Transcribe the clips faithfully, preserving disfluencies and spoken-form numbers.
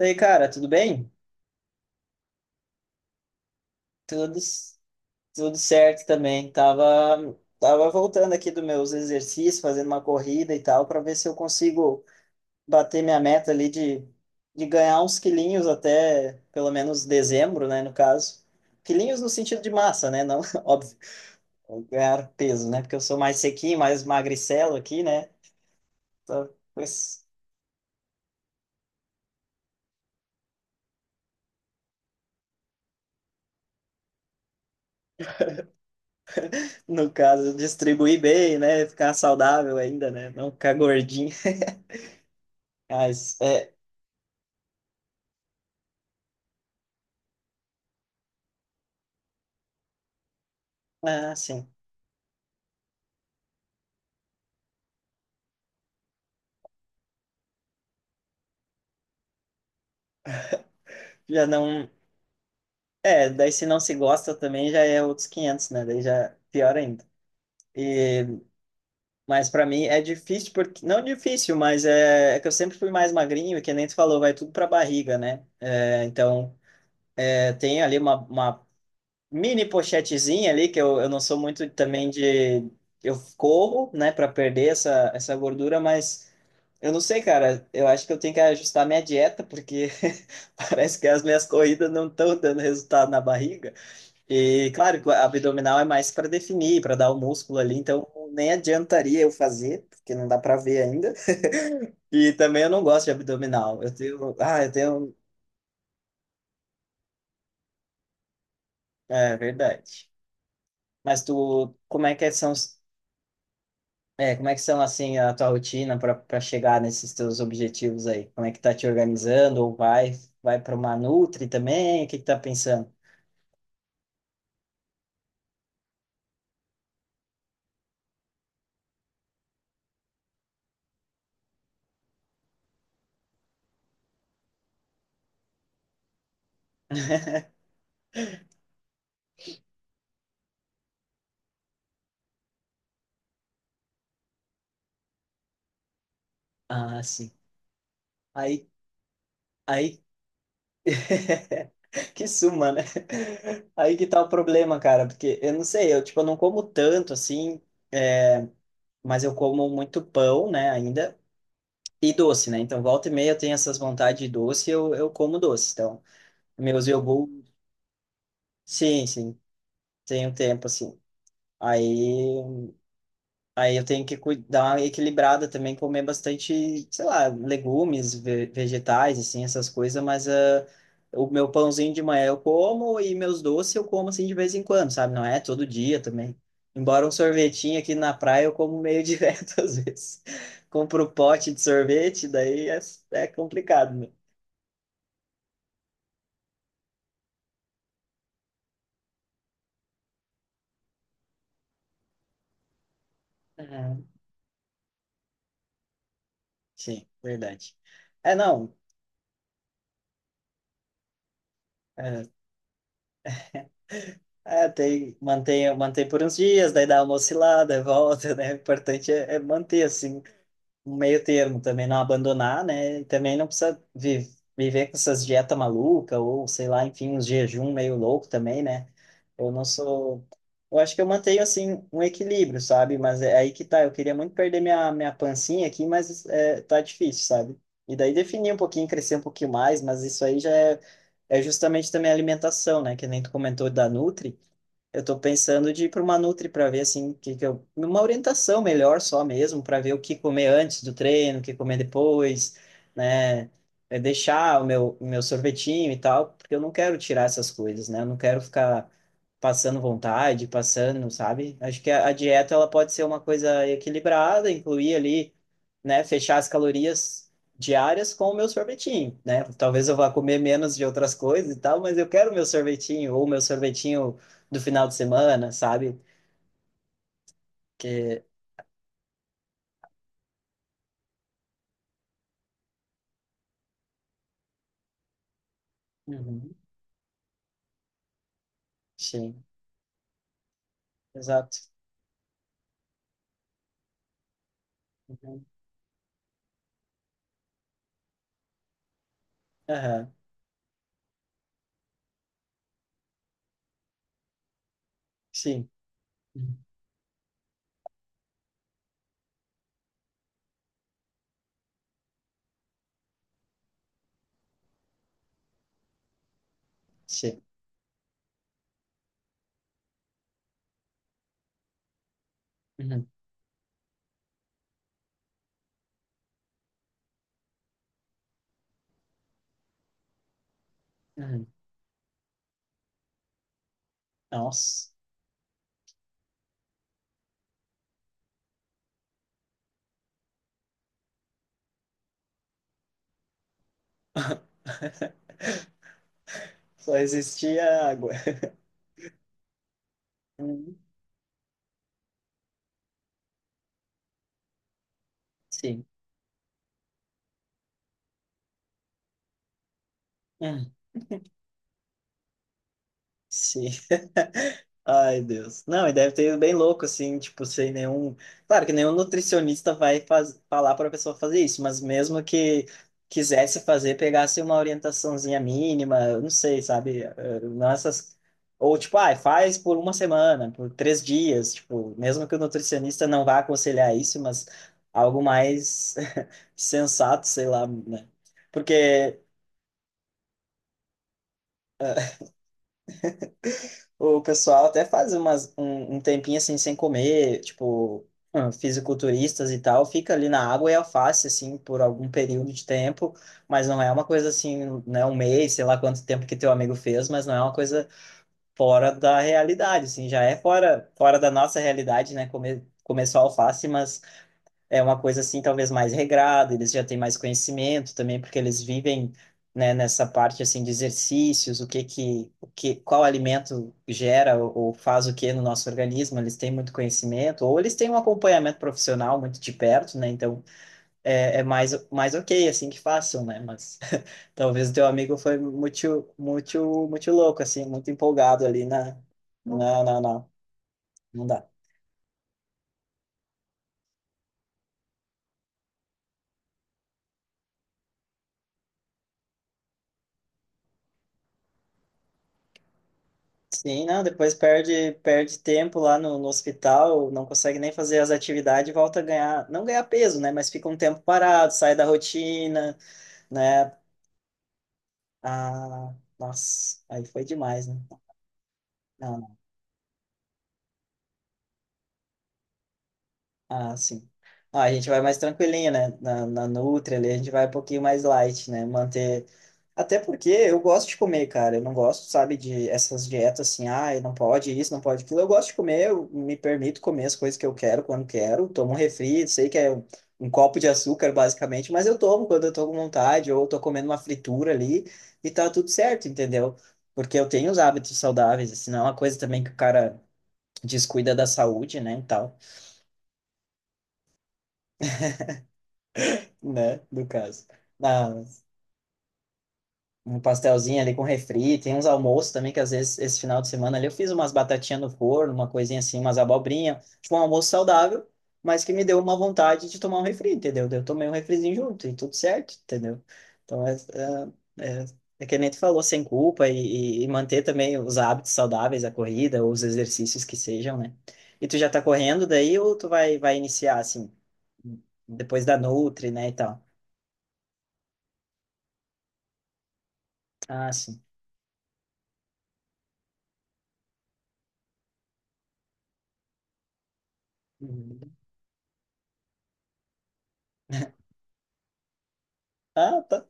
E aí, cara, tudo bem? Tudo, tudo certo também. Tava, tava voltando aqui dos meus exercícios, fazendo uma corrida e tal, para ver se eu consigo bater minha meta ali de, de ganhar uns quilinhos até pelo menos dezembro, né, no caso. Quilinhos no sentido de massa, né? Não, óbvio, ganhar peso, né? Porque eu sou mais sequinho, mais magricelo aqui, né? Então, pois, no caso, distribuir bem, né? Ficar saudável ainda, né? Não ficar gordinho. Mas, é, ah, sim. Já não. É, daí se não se gosta também já é outros quinhentos, né? Daí já é pior ainda. E, mas para mim é difícil, porque. Não difícil, mas é, é que eu sempre fui mais magrinho e que nem tu falou, vai tudo pra barriga, né? É, então, é, tem ali uma, uma mini pochetezinha ali, que eu, eu não sou muito também de. Eu corro, né, para perder essa, essa gordura, mas eu não sei, cara. Eu acho que eu tenho que ajustar minha dieta, porque parece que as minhas corridas não estão dando resultado na barriga. E claro, que a abdominal é mais para definir, para dar o músculo ali, então nem adiantaria eu fazer, porque não dá para ver ainda. E também eu não gosto de abdominal. Eu tenho, ah, eu tenho, É verdade. Mas tu, como é que são, os- é, como é que são assim a tua rotina para para chegar nesses teus objetivos aí? Como é que tá te organizando ou vai vai para uma nutri também? O que que tá pensando? Ah, sim. Aí aí Que suma, né? Aí que tá o problema, cara, porque eu não sei, eu tipo, eu não como tanto assim, é, mas eu como muito pão, né, ainda, e doce, né? Então, volta e meia eu tenho essas vontades de doce, eu, eu como doce. Então, meus iogurtes, sim, sim, tem um tempo assim. Aí. Aí eu tenho que cui- dar uma equilibrada também, comer bastante, sei lá, legumes, ve- vegetais, assim, essas coisas, mas ah, o meu pãozinho de manhã eu como e meus doces eu como, assim, de vez em quando, sabe? Não é todo dia também. Embora um sorvetinho aqui na praia eu como meio direto às vezes. Compro um pote de sorvete, daí é, é complicado, né? Ah, sim, verdade. É, não. É, é, tem, mantém, mantém por uns dias, daí dá uma oscilada, volta, né? O importante é, é manter, assim, um meio termo também, não abandonar, né? E também não precisa vi- viver com essas dietas malucas ou, sei lá, enfim, uns jejum meio louco também, né? Eu não sou... Eu acho que eu mantenho, assim, um equilíbrio, sabe? Mas é aí que tá, eu queria muito perder minha, minha pancinha aqui, mas é, tá difícil, sabe? E daí definir um pouquinho, crescer um pouquinho mais, mas isso aí já é, é justamente também a alimentação, né? Que nem tu comentou da Nutri, eu tô pensando de ir para uma Nutri para ver assim que, que eu, uma orientação melhor só mesmo para ver o que comer antes do treino, o que comer depois, né? É deixar o meu meu sorvetinho e tal, porque eu não quero tirar essas coisas, né? Eu não quero ficar passando vontade, passando, sabe? Acho que a, a dieta ela pode ser uma coisa equilibrada, incluir ali, né? Fechar as calorias diárias com o meu sorvetinho, né? Talvez eu vá comer menos de outras coisas e tal, mas eu quero o meu sorvetinho ou o meu sorvetinho do final de semana, sabe? Que, uhum, sim, exato. Uhum, aham, sim, uhum, sim. Uhum, uhum. Nossa. Só existia água. Uhum, sim, uhum, sim. Ai, Deus. Não, e deve ter ido bem louco, assim, tipo, sem nenhum. Claro que nenhum nutricionista vai faz... falar para a pessoa fazer isso, mas mesmo que quisesse fazer, pegasse uma orientaçãozinha mínima, eu não sei, sabe? Eh, não essas. Ou, tipo, ai faz por uma semana, por três dias, tipo, mesmo que o nutricionista não vá aconselhar isso, mas algo mais sensato, sei lá, né? Porque o pessoal até faz umas, um, um tempinho assim sem comer, tipo, ah, fisiculturistas e tal, fica ali na água e alface, assim, por algum período de tempo, mas não é uma coisa assim, né, um mês, sei lá quanto tempo que teu amigo fez, mas não é uma coisa fora da realidade, assim, já é fora, fora da nossa realidade, né, comer, comer só alface, mas é uma coisa assim talvez mais regrada, eles já têm mais conhecimento também, porque eles vivem, né, nessa parte assim de exercícios, o que que, o que qual alimento gera ou ou faz o que no nosso organismo, eles têm muito conhecimento, ou eles têm um acompanhamento profissional muito de perto, né? Então é, é mais mais ok assim que façam, né? Mas talvez o teu amigo foi muito muito muito louco assim, muito empolgado ali na não, não, não, não dá. Sim, não, depois perde, perde tempo lá no, no hospital, não consegue nem fazer as atividades e volta a ganhar, não ganhar peso, né? Mas fica um tempo parado, sai da rotina, né? Ah, nossa, aí foi demais, né? Não, ah, sim. Ah, a gente vai mais tranquilinho, né? Na, na Nutri ali, a gente vai um pouquinho mais light, né? Manter. Até porque eu gosto de comer, cara. Eu não gosto, sabe, de essas dietas assim, ah, não pode isso, não pode aquilo. Eu gosto de comer, eu me permito comer as coisas que eu quero quando quero. Tomo um refri, sei que é um, um copo de açúcar, basicamente, mas eu tomo quando eu tô com vontade, ou eu tô comendo uma fritura ali e tá tudo certo, entendeu? Porque eu tenho os hábitos saudáveis, assim, não é uma coisa também que o cara descuida da saúde, né, e tal. Né? Do caso. Na, um pastelzinho ali com refri, tem uns almoços também que às vezes esse final de semana ali eu fiz umas batatinhas no forno, uma coisinha assim, umas abobrinha, tipo um almoço saudável, mas que me deu uma vontade de tomar um refri, entendeu? Daí eu tomei um refrizinho junto e tudo certo, entendeu? Então é, é, é, é que nem tu falou, sem culpa e, e- e manter também os hábitos saudáveis, a corrida ou os exercícios que sejam, né? E tu já tá correndo daí ou tu vai, vai iniciar assim, depois da Nutri, né, e tal? Ah, sim. Uhum. Ah, tá.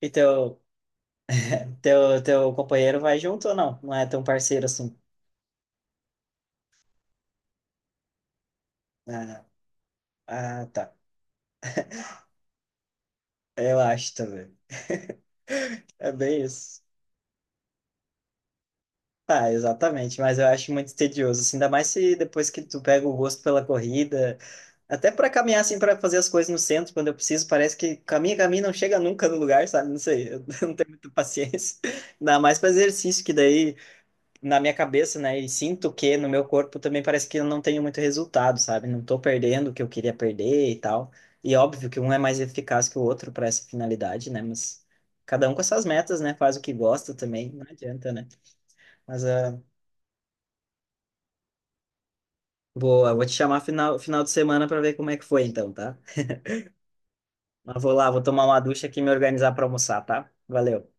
E teu, teu, teu companheiro vai junto ou não? Não é tão parceiro assim? Ah, ah, tá. Eu acho também. É bem isso. Ah, exatamente. Mas eu acho muito tedioso, assim, ainda mais se depois que tu pega o gosto pela corrida, até para caminhar, assim, para fazer as coisas no centro, quando eu preciso, parece que caminha, caminha, não chega nunca no lugar, sabe? Não sei, eu não tenho muita paciência. Ainda mais para exercício, que daí. Na minha cabeça, né? E sinto que no meu corpo também parece que eu não tenho muito resultado, sabe? Não tô perdendo o que eu queria perder e tal. E óbvio que um é mais eficaz que o outro para essa finalidade, né? Mas cada um com essas metas, né? Faz o que gosta também, não adianta, né? Mas ah, boa, vou te chamar final, final de semana para ver como é que foi então, tá? Mas vou lá, vou tomar uma ducha aqui e me organizar para almoçar, tá? Valeu.